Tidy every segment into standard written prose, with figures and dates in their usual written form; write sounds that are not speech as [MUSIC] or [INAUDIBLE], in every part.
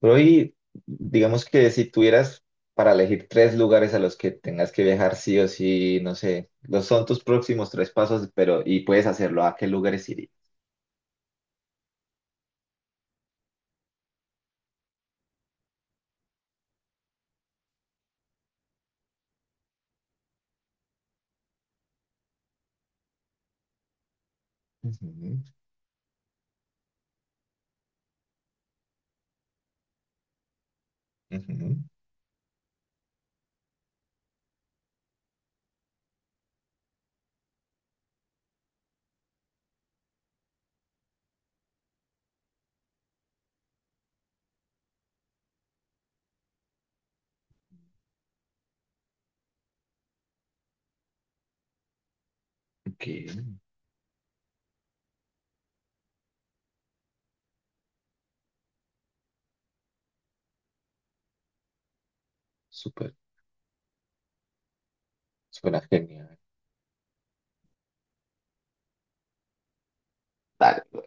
Pero hoy, digamos que si tuvieras para elegir tres lugares a los que tengas que viajar sí o sí, no sé, los son tus próximos tres pasos, pero y puedes hacerlo, ¿a qué lugares irías? Ujú, ujú, ok, súper, suena genial.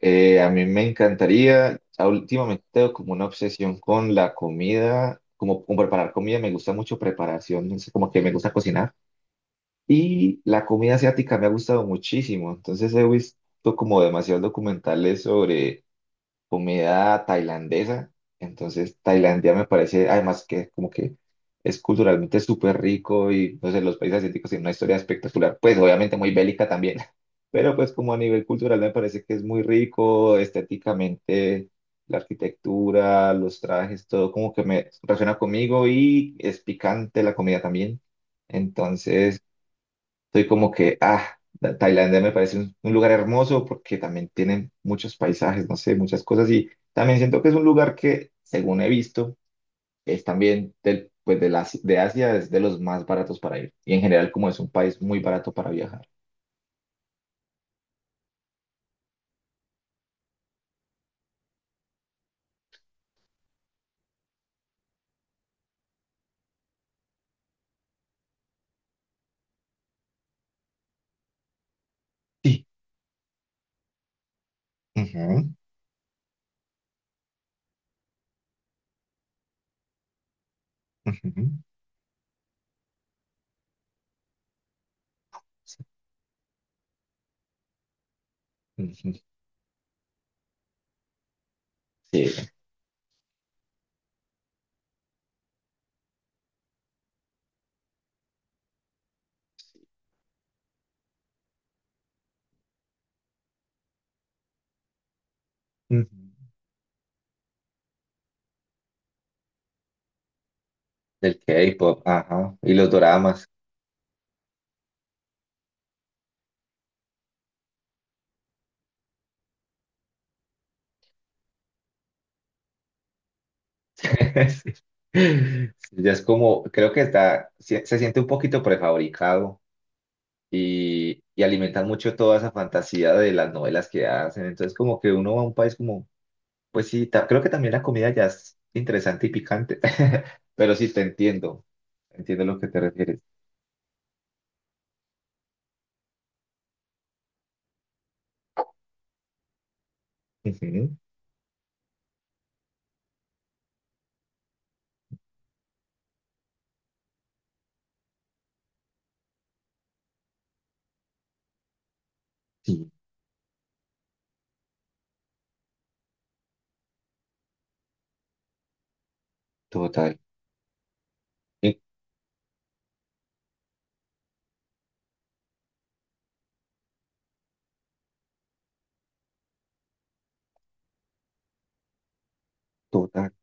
A mí me encantaría, últimamente tengo como una obsesión con la comida, como con preparar comida, me gusta mucho preparación, no sé, como que me gusta cocinar. Y la comida asiática me ha gustado muchísimo, entonces he visto como demasiados documentales sobre comida tailandesa. Entonces, Tailandia me parece, además que como que es culturalmente súper rico y no sé, los países asiáticos tienen una historia espectacular, pues obviamente muy bélica también, [LAUGHS] pero pues como a nivel cultural me parece que es muy rico, estéticamente, la arquitectura, los trajes, todo como que me relaciona conmigo y es picante la comida también. Entonces, soy como que, ah, Tailandia me parece un lugar hermoso porque también tienen muchos paisajes, no sé, muchas cosas. Y también siento que es un lugar que, según he visto, es también del, pues de, la, de Asia, es de los más baratos para ir. Y en general, como es un país muy barato para viajar. Sí. Ujú, ujú. Ujú, sí. Ujú. El K-pop, ajá. Y los doramas. [LAUGHS] Sí. Sí, ya es como, creo que está, se siente un poquito prefabricado y alimentan mucho toda esa fantasía de las novelas que hacen. Entonces, como que uno va a un país como, pues sí, creo que también la comida ya es interesante y picante, [LAUGHS] pero sí te entiendo, entiendo a lo que te refieres. Ujú, sí, total, eh, total,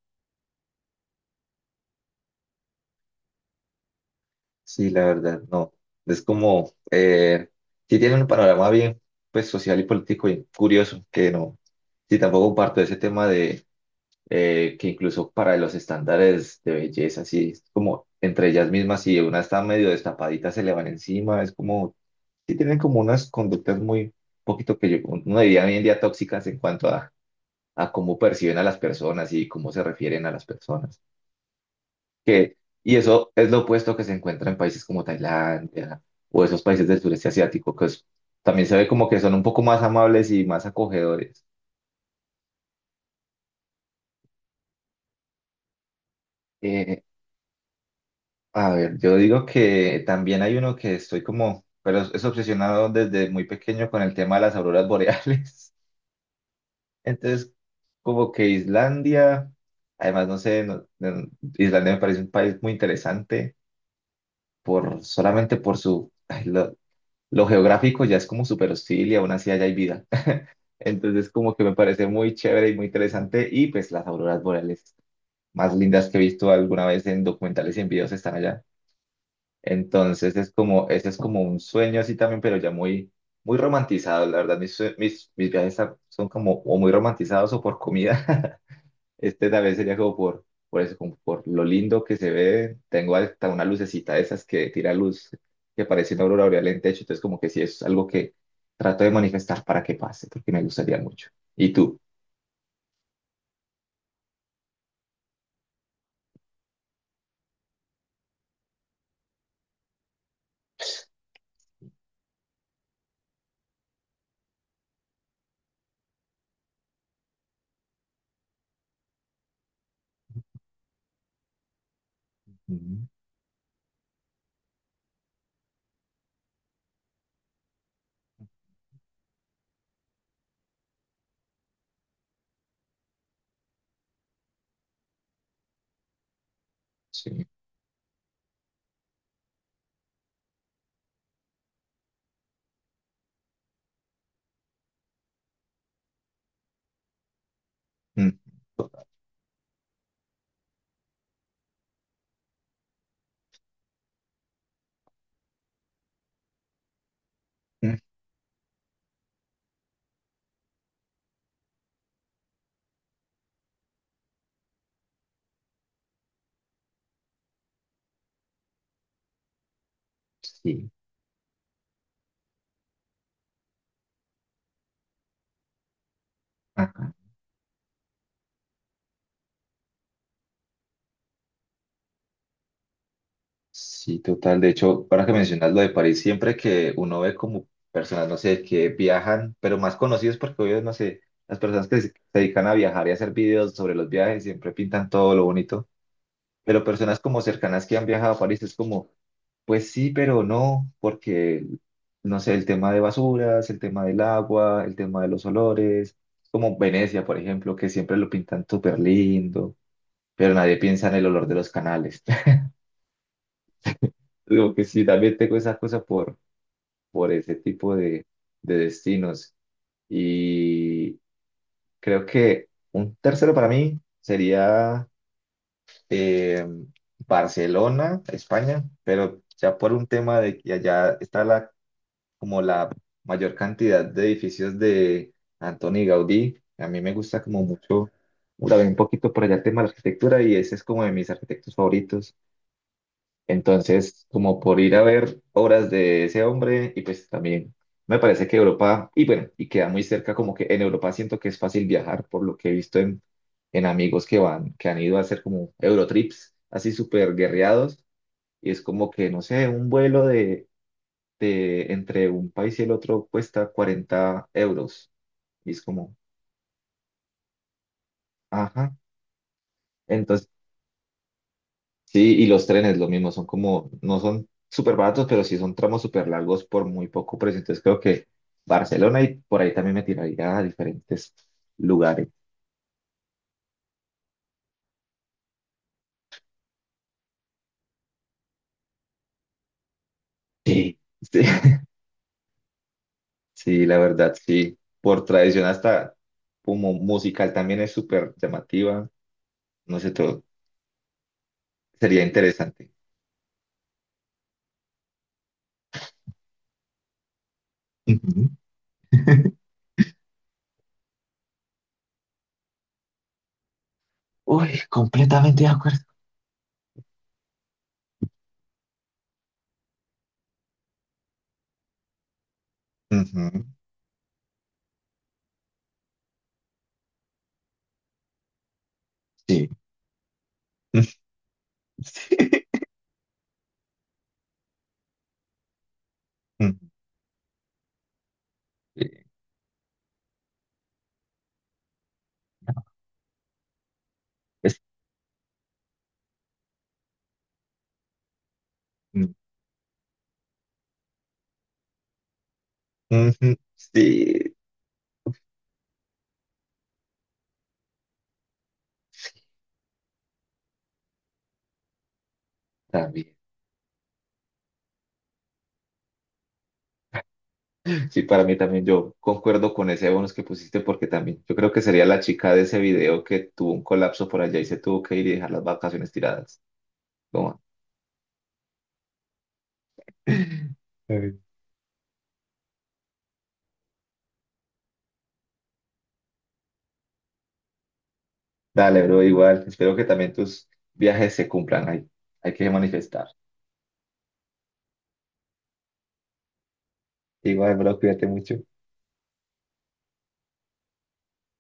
sí, la verdad, no. Es como, sí tienen un panorama bien, pues social y político y curioso, que no, sí, tampoco comparto ese tema que incluso para los estándares de belleza, así es como entre ellas mismas, si una está medio destapadita, se le van encima, es como, sí tienen como unas conductas muy, poquito que yo, uno diría hoy en día tóxicas en cuanto a cómo perciben a las personas y cómo se refieren a las personas. Que, y eso es lo opuesto que se encuentra en países como Tailandia o esos países del sureste asiático, también se ve como que son un poco más amables y más acogedores. Eh, A ver, yo digo que también hay uno que estoy como, pero es obsesionado desde muy pequeño con el tema de las auroras boreales. [LAUGHS] Entonces, como que Islandia, además, no sé, Islandia me parece un país muy interesante por solamente por su, ay, lo geográfico ya es como súper hostil y aún así allá hay vida. [LAUGHS] Entonces, como que me parece muy chévere y muy interesante y pues las auroras boreales más lindas que he visto alguna vez en documentales y en videos están allá. Entonces es como, ese es como un sueño así también, pero ya muy, muy romantizado. La verdad, mis, mis viajes son como o muy romantizados o por comida. [LAUGHS] Este tal vez sería como por eso, como por lo lindo que se ve. Tengo hasta una lucecita de esas que tira luz, que parece una aurora boreal en techo. Entonces como que sí, es algo que trato de manifestar para que pase, porque me gustaría mucho. ¿Y tú? Mm, sí. Mm, mm, sí. Sí, total. De hecho, ahora que mencionas lo de París, siempre que uno ve como personas, no sé, que viajan, pero más conocidos porque obvio, no sé, las personas que se dedican a viajar y hacer videos sobre los viajes siempre pintan todo lo bonito, pero personas como cercanas que han viajado a París es como, pues sí, pero no, porque, no sé, el tema de basuras, el tema del agua, el tema de los olores, como Venecia, por ejemplo, que siempre lo pintan súper lindo, pero nadie piensa en el olor de los canales. [LAUGHS] Digo que sí, también tengo esa cosa por ese tipo de destinos. Y creo que un tercero para mí sería eh, Barcelona, España, pero ya por un tema de que allá está la, como la mayor cantidad de edificios de Antoni Gaudí. A mí me gusta como mucho, también un poquito por allá el tema de la arquitectura y ese es como de mis arquitectos favoritos. Entonces, como por ir a ver obras de ese hombre, y pues también me parece que Europa, y bueno, y queda muy cerca, como que en Europa siento que es fácil viajar, por lo que he visto en amigos que van, que han ido a hacer como Eurotrips, así súper guerreados, y es como que, no sé, un vuelo de entre un país y el otro cuesta 40 euros, y es como, ajá. Entonces, sí, y los trenes lo mismo, son como, no son súper baratos, pero sí son tramos súper largos por muy poco precio. Entonces creo que Barcelona y por ahí también me tiraría a diferentes lugares. Sí, sí, [LAUGHS] sí, la verdad, sí. Por tradición hasta como musical también es súper llamativa. No sé, todo sería interesante. Ujú. [LAUGHS] Uy, completamente de acuerdo. Ujú, sí. [LAUGHS] Sí. Ujú, sí. Es- ujú, sí, también. Sí, para mí también yo concuerdo con ese bonus que pusiste porque también yo creo que sería la chica de ese video que tuvo un colapso por allá y se tuvo que ir y dejar las vacaciones tiradas. Toma. [LAUGHS] Ay, dale, bro, igual. Espero que también tus viajes se cumplan. Hay que manifestar. Igual, bro, cuídate mucho.